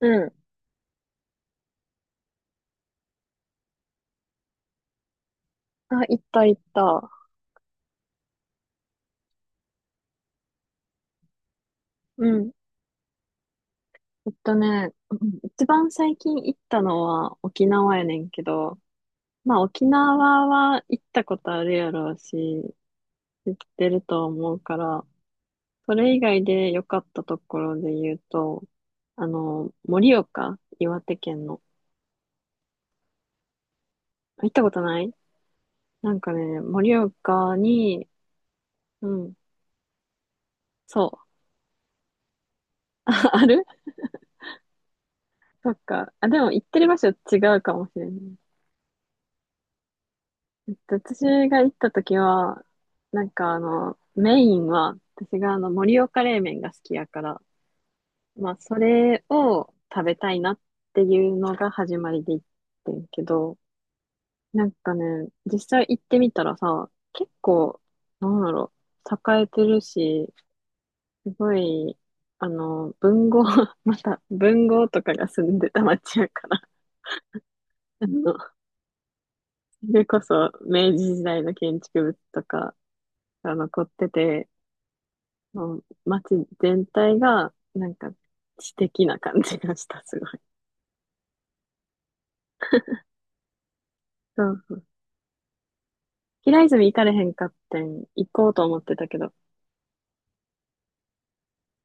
うん。あ、行った行った。うん。行ったね。うん、一番最近行ったのは沖縄やねんけど、まあ沖縄は行ったことあるやろうし、知ってると思うから、それ以外で良かったところで言うと、あの、盛岡、岩手県の。行ったことない。なんかね、盛岡に、うん、そう。ある。そっか。あ、でも行ってる場所違うかもしれない。私が行った時は、なんかあの、メインは、私があの、盛岡冷麺が好きやから、まあ、それを食べたいなっていうのが始まりで行ってんけど、なんかね、実際行ってみたらさ、結構、なんだろう、栄えてるし、すごい、あの、文豪、また、文豪とかが住んでた町やから、あの、それこそ明治時代の建築物とかが残ってて、もう街全体が、なんか、知的な感じがした、すごい。そうそう。平泉行かれへんかってん、行こうと思ってたけど、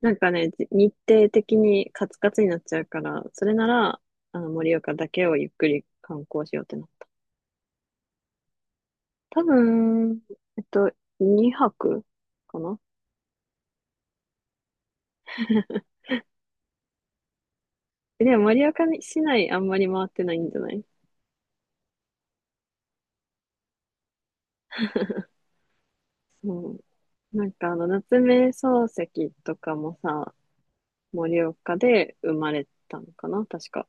なんかね、日程的にカツカツになっちゃうから、それなら、あの、盛岡だけをゆっくり観光しようってな。多分、えっと、2泊かな。でも盛岡市内あんまり回ってないんじゃない。そう。なんかあの、夏目漱石とかもさ、盛岡で生まれたのかな確か。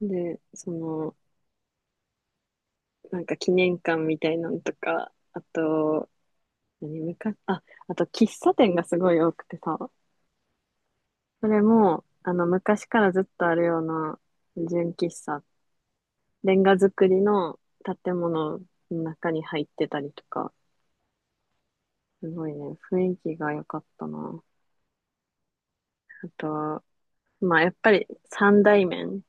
で、その、なんか記念館みたいなのとか、あと、何、昔、あ、あと喫茶店がすごい多くてさ、それも、あの、昔からずっとあるような純喫茶、レンガ造りの建物の中に入ってたりとか、すごいね、雰囲気が良かったな。あと、まあ、やっぱり三大麺、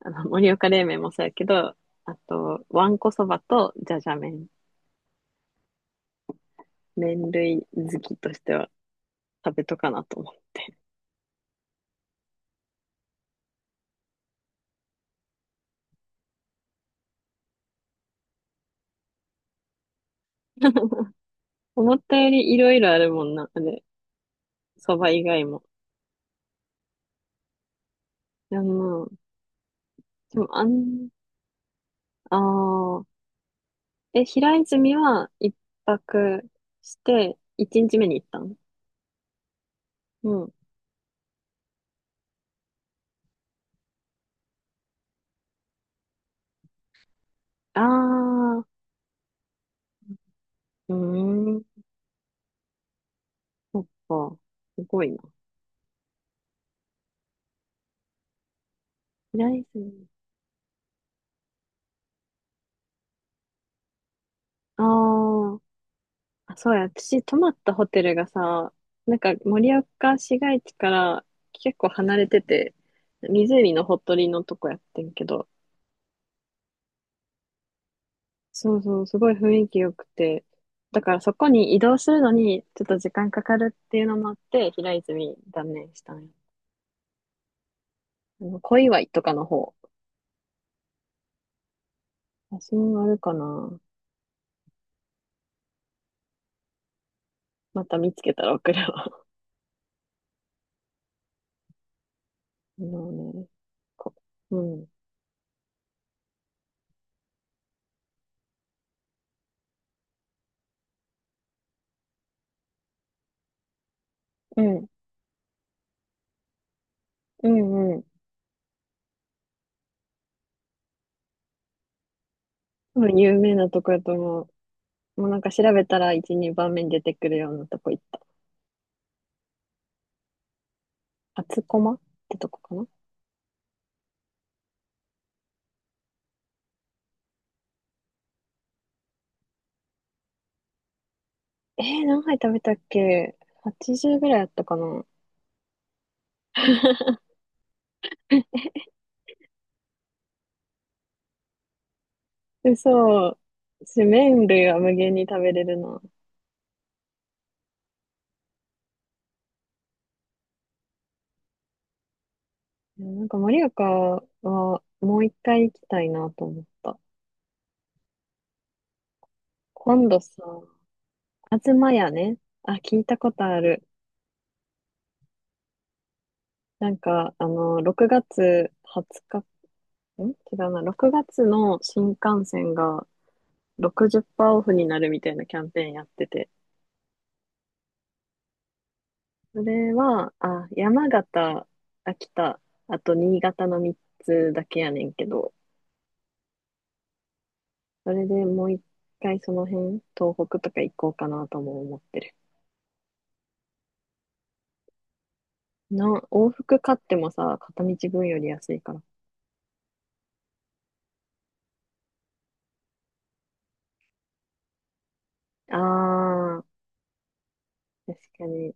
あの、盛岡冷麺もそうやけど、あと、わんこそばとじゃじゃ麺、麺類好きとしては、食べとかなと思って。思ったよりいろいろあるもんな、あれ。そば以外も。いや、まあ、でも、あん、ああ、え、平泉は一泊して、一日目に行ったん。うん。ああ、うーん、そっか。すごいな。平泉。あーあ、そうや。私、泊まったホテルがさ、なんか盛岡市街地から結構離れてて、湖のほとりのとこやってんけど、そうそう、すごい雰囲気良くて。だからそこに移動するのにちょっと時間かかるっていうのもあって、平泉断念したんよ。あの、小岩井とかの方。写真あるかな。また見つけたら送るわ。あのね、こうん。うん。うんうん。多分有名なとこやと思う。もうなんか調べたら1、2番目に出てくるようなとこ行った。厚駒ってとこかな。えー、何杯食べたっけ？ 80 ぐらいあったかな。嘘。麺類は無限に食べれるな。いやなんか、盛岡はもう一回行きたいなと思った。今度さ、東屋ね。あ、聞いたことある。なんか、あの、6月20日、ん違うな、6月の新幹線が60%オフになるみたいなキャンペーンやってて。それは、あ、山形、秋田、あと新潟の3つだけやねんけど、それでもう一回その辺、東北とか行こうかなとも思ってる。な、往復買ってもさ、片道分より安いから。ああ、確かに。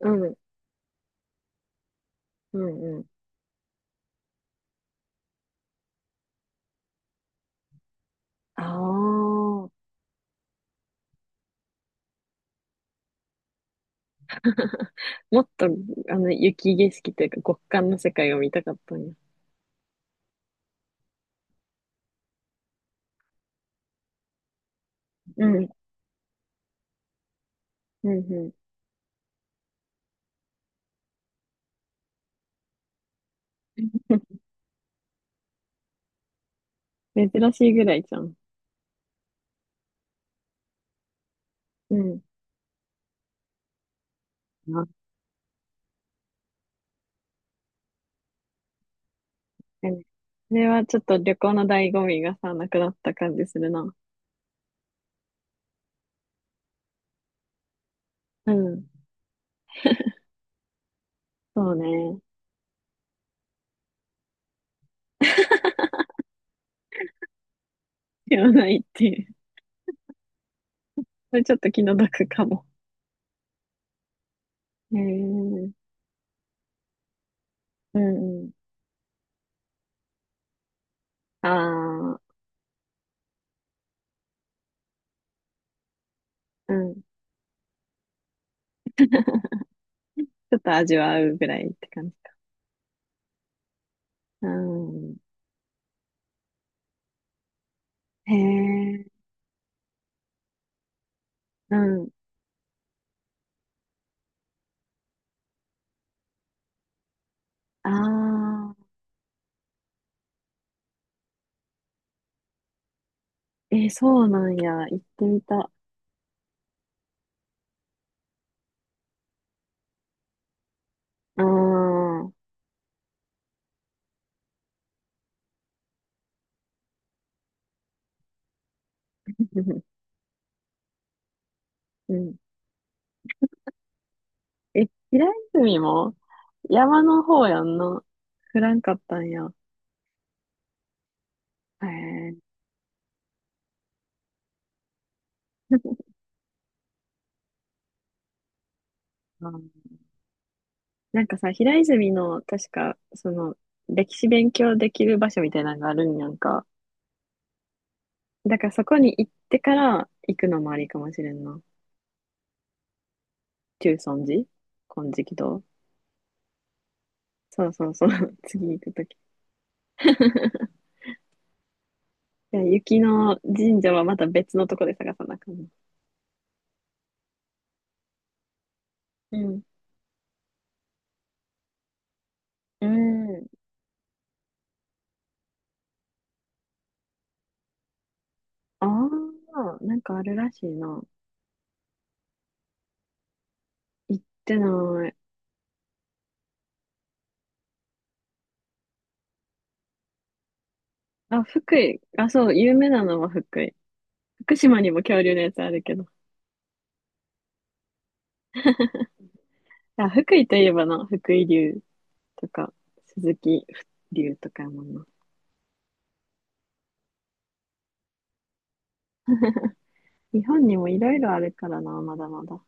うん、うん、うん。ああ、もっと、あの、雪景色というか極寒の世界を見たかったんや。うん、うん、うん。珍しいぐらいじゃん。うん。確かに。それはちょっと旅行の醍醐味がさ、なくなった感じするな。うん。そうね。ではないっていう。それちょっと気の毒かも。えー、うんうん。ああ、うん。ちょっと味わうぐらいって感じか。うん。へえ、うん。ああ、えー、そうなんや。行ってみた。ああ、うん。うん。え、平泉も山の方やんな。降らんかったんや。へえ、うん。なんかさ、平泉の、確か、その、歴史勉強できる場所みたいなのがあるんやんか。だからそこに行ってから行くのもありかもしれんな。中尊寺金色堂。そうそうそう。次行くとき。いや、雪の神社はまた別のとこで探さなあかんな。うん。うん。ああ、なんかあるらしいな。行ってない。あ、福井。あ、そう、有名なのは福井。福島にも恐竜のやつあるけど。あ、福井といえばな、福井竜とか、鈴木竜とかやもんな。日本にもいろいろあるからな、まだまだ。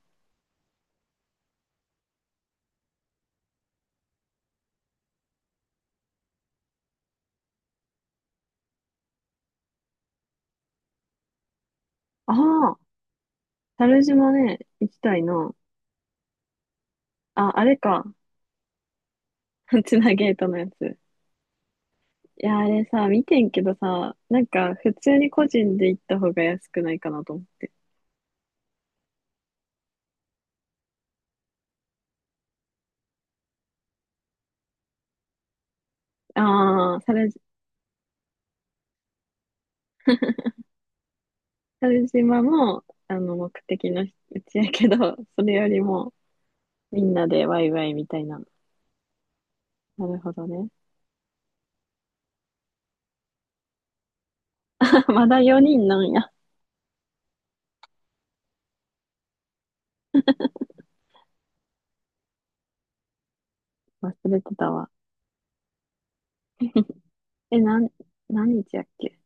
ああ、猿島ね、行きたいな。あ、あれか。つなゲートのやつ。いや、あれさ、見てんけどさ、なんか、普通に個人で行った方が安くないかなと思って。ああ、猿、猿島も、あの、目的のうちやけど、それよりも、みんなでワイワイみたいな。なるほどね。まだ4人なんや。忘れてたわ。え、なん、何日やっけ？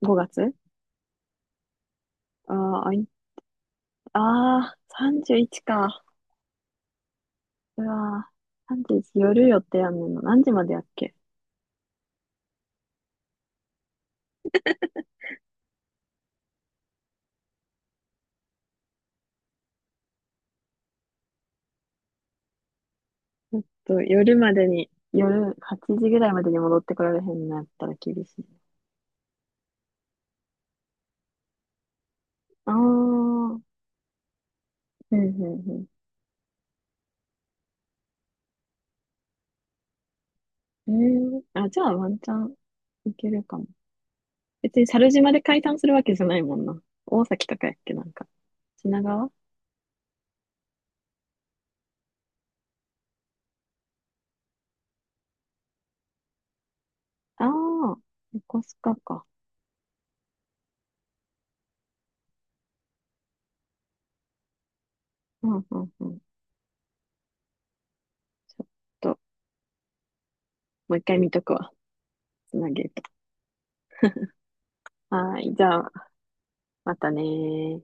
5 月。ああ、あい、ああ、31か。うわあ、31夜予定やんねんの。何時までやっけ。ちょっと夜までに、夜8時ぐらいまでに戻ってこられへんなったら厳しい。ああ、うんうんうん。ええ、あ、じゃあワンチャンいけるかも。別に猿島で解散するわけじゃないもんな。大崎とかやっけ、なんか。品川。ああー、横須賀か。うんうんうん。ちょっと、もう一回見とくわ。つなげると。はーい、じゃあ、またねー。